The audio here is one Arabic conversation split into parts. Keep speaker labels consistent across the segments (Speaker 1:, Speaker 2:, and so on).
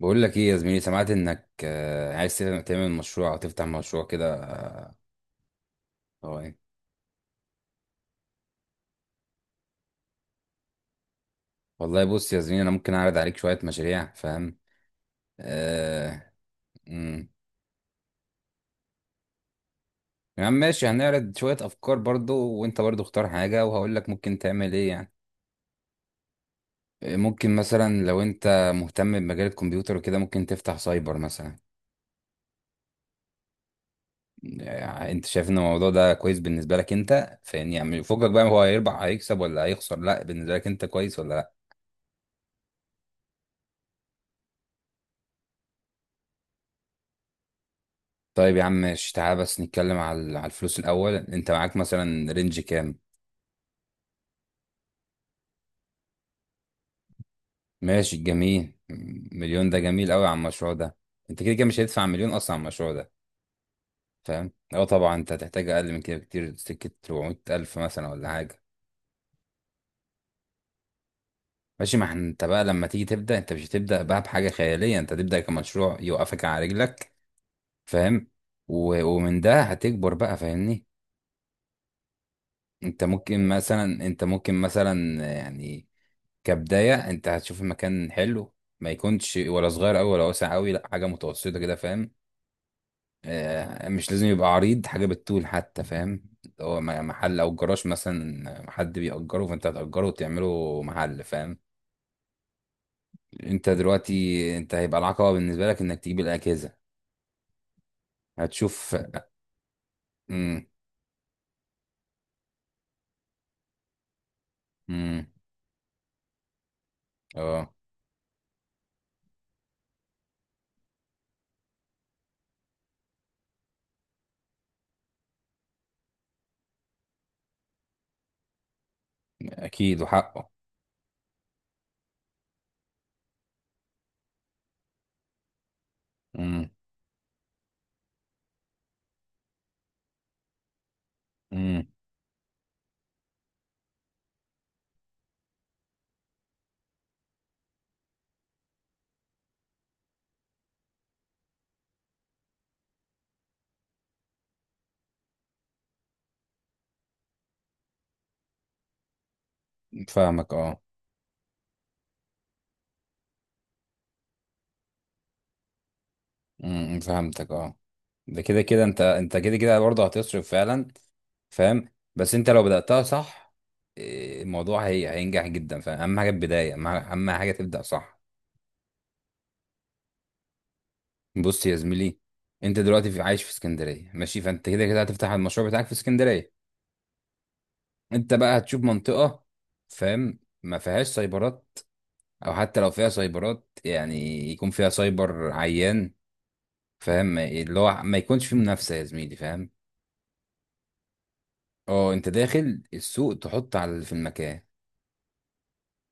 Speaker 1: بقول لك ايه يا زميلي؟ سمعت انك عايز تعمل مشروع او تفتح مشروع كده. هو ايه؟ والله بص يا زميلي، انا ممكن اعرض عليك شويه مشاريع، فاهم. آه. امم يا عم ماشي، هنعرض شويه افكار برضو، وانت برضو اختار حاجه وهقول لك ممكن تعمل ايه يعني. ممكن مثلا لو انت مهتم بمجال الكمبيوتر وكده ممكن تفتح سايبر مثلا. انت شايف ان الموضوع ده كويس بالنسبه لك انت، فاهمني؟ يعني فوقك بقى، هو هيربح هيكسب ولا هيخسر؟ لا، بالنسبه لك انت كويس ولا لا؟ طيب يا عم ماشي، تعال بس نتكلم على الفلوس الأول. أنت معاك مثلا رينج كام؟ ماشي جميل. مليون ده جميل أوي على المشروع ده. أنت كده كده مش هتدفع مليون أصلا على المشروع ده. فاهم؟ أه طبعا، أنت هتحتاج أقل من كده بكتير، سكة 400 ألف مثلا ولا حاجة. ماشي. ما إحنا- أنت بقى لما تيجي تبدأ، أنت مش هتبدأ بقى بحاجة خيالية، أنت هتبدأ كمشروع يوقفك على رجلك. فاهم؟ ومن ده هتكبر بقى، فاهمني؟ أنت ممكن مثلا يعني. كبداية انت هتشوف المكان حلو، ما يكونش ولا صغير قوي ولا واسع قوي، لا حاجة متوسطة كده، فاهم. مش لازم يبقى عريض، حاجة بالطول حتى، فاهم. اللي هو محل او جراج مثلا حد بيأجره، فانت هتأجره وتعمله محل، فاهم. انت دلوقتي انت هيبقى العقبة بالنسبة لك انك تجيب الأجهزة. هتشوف. امم. امم. اه. اكيد وحقه. امم. امم. فاهمك، اه. امم. فهمتك اه. ده كده كده انت كده كده برضه هتصرف فعلا، فاهم. بس انت لو بدأتها صح، إيه، الموضوع هي هينجح جدا، فاهم. حاجه البدايه اهم، حاجه تبدأ صح. بص يا زميلي، انت دلوقتي في عايش في اسكندريه، ماشي، فانت كده كده هتفتح المشروع بتاعك في اسكندريه. انت بقى هتشوف منطقه، فاهم، ما فيهاش سايبرات، او حتى لو فيها سايبرات يعني يكون فيها سايبر عيان، فاهم. اللي هو ما يكونش فيه منافسه يا زميلي، فاهم. اه، انت داخل السوق تحط على اللي في المكان،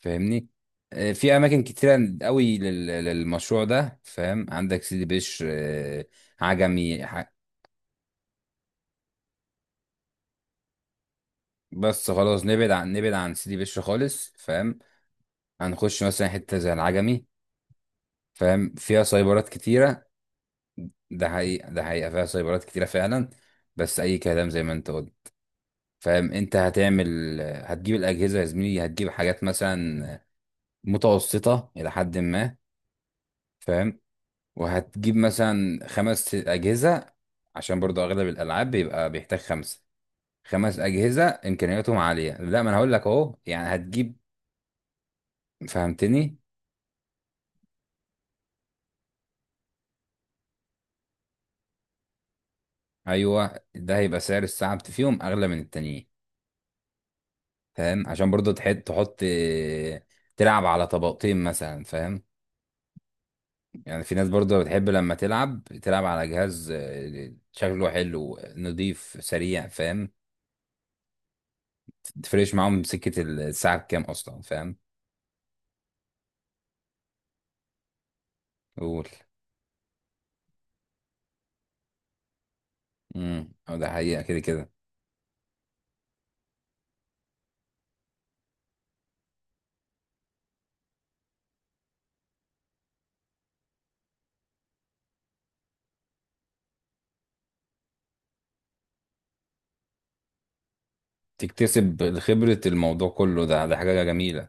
Speaker 1: فاهمني. في اماكن كتيره قوي للمشروع ده، فاهم. عندك سيدي بشر، عجمي. بس خلاص نبعد عن سيدي بشر خالص، فاهم. هنخش مثلا حته زي العجمي، فاهم، فيها سايبرات كتيره. ده حقيقه، فيها سايبرات كتيره فعلا، بس اي كلام زي ما انت قلت. فاهم، انت هتجيب الاجهزه يا زميلي، هتجيب حاجات مثلا متوسطه الى حد ما، فاهم. وهتجيب مثلا خمس أجهزة، عشان برضو أغلب الألعاب بيبقى بيحتاج خمسة. خمس أجهزة إمكانياتهم عالية، لا ما أنا هقول لك أهو يعني هتجيب. فهمتني. أيوه، ده هيبقى سعر الساعة فيهم أغلى من التانيين، فاهم، عشان برضو تحط، تلعب على طبقتين مثلا، فاهم. يعني في ناس برضو بتحب لما تلعب على جهاز، شكله حلو نضيف سريع، فاهم. تفرقش معاهم سكة الساعة بكام أصلا، فاهم. قول. ده حقيقة كده كده. تكتسب خبرة، الموضوع كله ده، حاجة جميلة.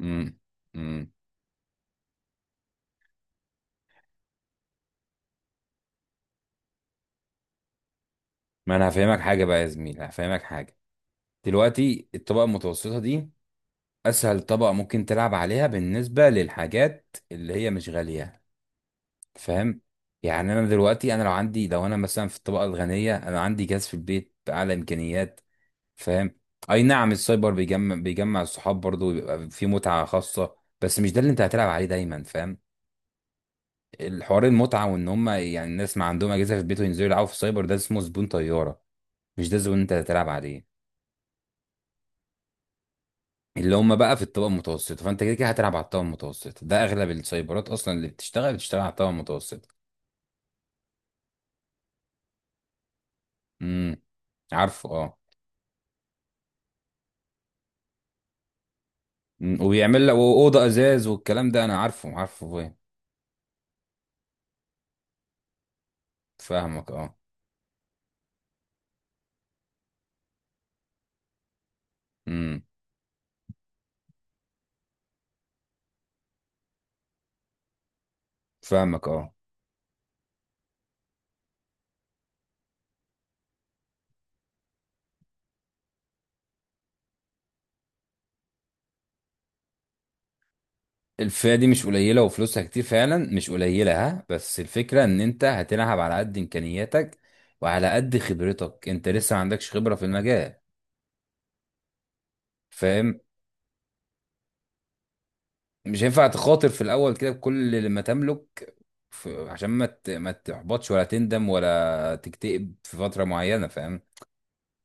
Speaker 1: امم. امم. ما انا هفهمك حاجة بقى يا زميلي، هفهمك حاجة. دلوقتي الطبقة المتوسطة دي اسهل طبقة ممكن تلعب عليها بالنسبة للحاجات اللي هي مش غالية، فاهم. يعني انا دلوقتي انا لو انا مثلا في الطبقة الغنية، انا عندي جهاز في البيت بأعلى امكانيات، فاهم. اي نعم السايبر بيجمع الصحاب برضه ويبقى في متعة خاصة، بس مش ده اللي انت هتلعب عليه دايما، فاهم. الحوار المتعه، وان هم يعني الناس ما عندهم اجهزه في البيت وينزلوا يلعبوا في السايبر، ده اسمه زبون طياره، مش ده زبون انت هتلعب عليه. اللي هم بقى في الطبقه المتوسطه، فانت كده كده هتلعب على الطبقه المتوسطه، ده اغلب السايبرات اصلا اللي بتشتغل على الطبقه المتوسطه. امم، عارفه اه. مم. وبيعمل لك اوضه ازاز والكلام ده، انا عارفه عارفه، فاهم. فاهمك اه. امم. فاهمك اه. الفئة دي مش قليلة وفلوسها كتير فعلا، مش قليلة، ها، بس الفكرة ان انت هتلعب على قد امكانياتك، وعلى قد خبرتك. انت لسه ما عندكش خبرة في المجال، فاهم. مش هينفع تخاطر في الاول كده بكل اللي ما تملك، عشان ما تحبطش ولا تندم ولا تكتئب في فترة معينة، فاهم.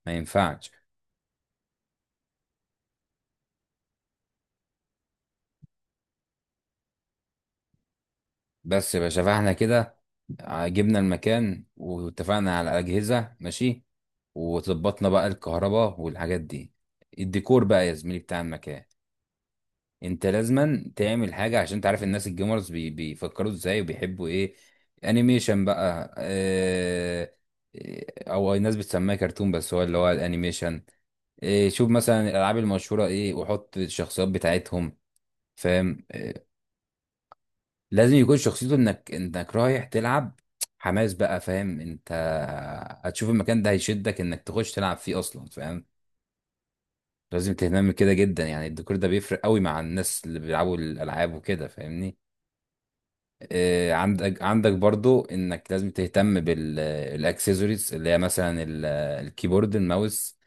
Speaker 1: ما ينفعش. بس يا باشا، فاحنا كده جبنا المكان واتفقنا على الأجهزة ماشي، وظبطنا بقى الكهرباء والحاجات دي. الديكور بقى يا زميلي بتاع المكان، انت لازما تعمل حاجه عشان تعرف الناس الجيمرز بيفكروا ازاي وبيحبوا ايه. انيميشن بقى، اه. اه، او الناس بتسميه كرتون، بس هو اللي هو الانيميشن. اه، شوف مثلا الالعاب المشهوره ايه وحط الشخصيات بتاعتهم، فاهم اه. لازم يكون شخصيته، انك رايح تلعب، حماس بقى، فاهم. انت هتشوف المكان ده هيشدك انك تخش تلعب فيه اصلا، فاهم. لازم تهتم كده جدا يعني، الديكور ده بيفرق قوي مع الناس اللي بيلعبوا الالعاب وكده، فاهمني. عندك برضو انك لازم تهتم بالاكسسوارز اللي هي مثلا الكيبورد، الماوس،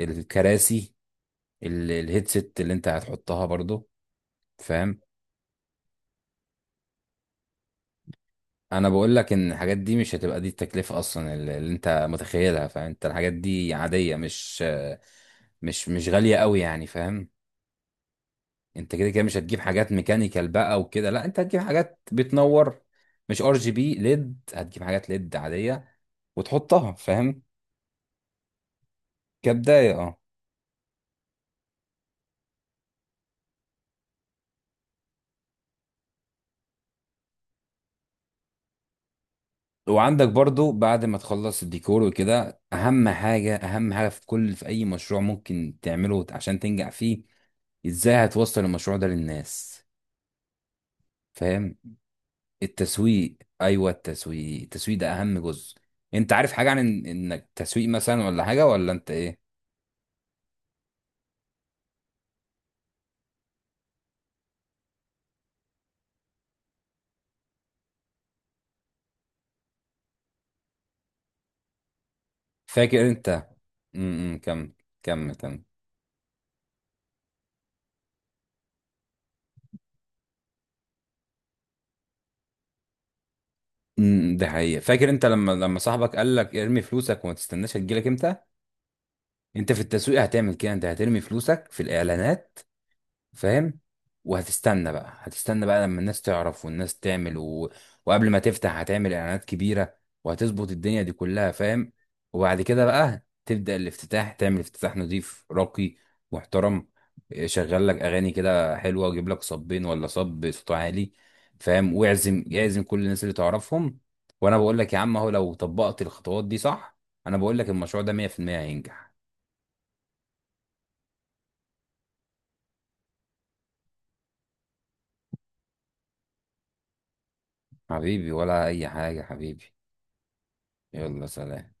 Speaker 1: الكراسي، الهيدسيت اللي انت هتحطها برضو، فاهم. انا بقول لك ان الحاجات دي مش هتبقى دي التكلفة اصلا اللي انت متخيلها، فاهم. انت الحاجات دي عادية، مش آه، مش مش غالية قوي يعني، فاهم. انت كده كده مش هتجيب حاجات ميكانيكال بقى وكده، لا انت هتجيب حاجات بتنور، مش ار جي بي ليد، هتجيب حاجات ليد عادية وتحطها، فاهم. كبداية اه. وعندك برضو بعد ما تخلص الديكور وكده، اهم حاجة، اهم حاجة في اي مشروع ممكن تعمله عشان تنجح فيه، ازاي هتوصل المشروع ده للناس، فاهم. التسويق، ايوه التسويق ده اهم جزء. انت عارف حاجة عن انك تسويق مثلا ولا حاجة، ولا انت ايه؟ فاكر انت. كمل كمل كمل. ده حقيقة. فاكر انت، لما صاحبك قال لك ارمي فلوسك وما تستناش هتجيلك امتى. انت في التسويق هتعمل كده، انت هترمي فلوسك في الاعلانات، فاهم. وهتستنى بقى هتستنى بقى لما الناس تعرف والناس تعمل و. وقبل ما تفتح هتعمل اعلانات كبيرة، وهتظبط الدنيا دي كلها، فاهم. وبعد كده بقى تبدأ الافتتاح، تعمل افتتاح نظيف راقي محترم، شغل لك اغاني كده حلوة، وجيب لك صبين ولا صب صوت عالي، فاهم، واعزم يعزم كل الناس اللي تعرفهم. وانا بقول لك يا عم اهو، لو طبقت الخطوات دي صح، انا بقول لك المشروع ده 100% هينجح. حبيبي، ولا اي حاجة حبيبي. يلا سلام.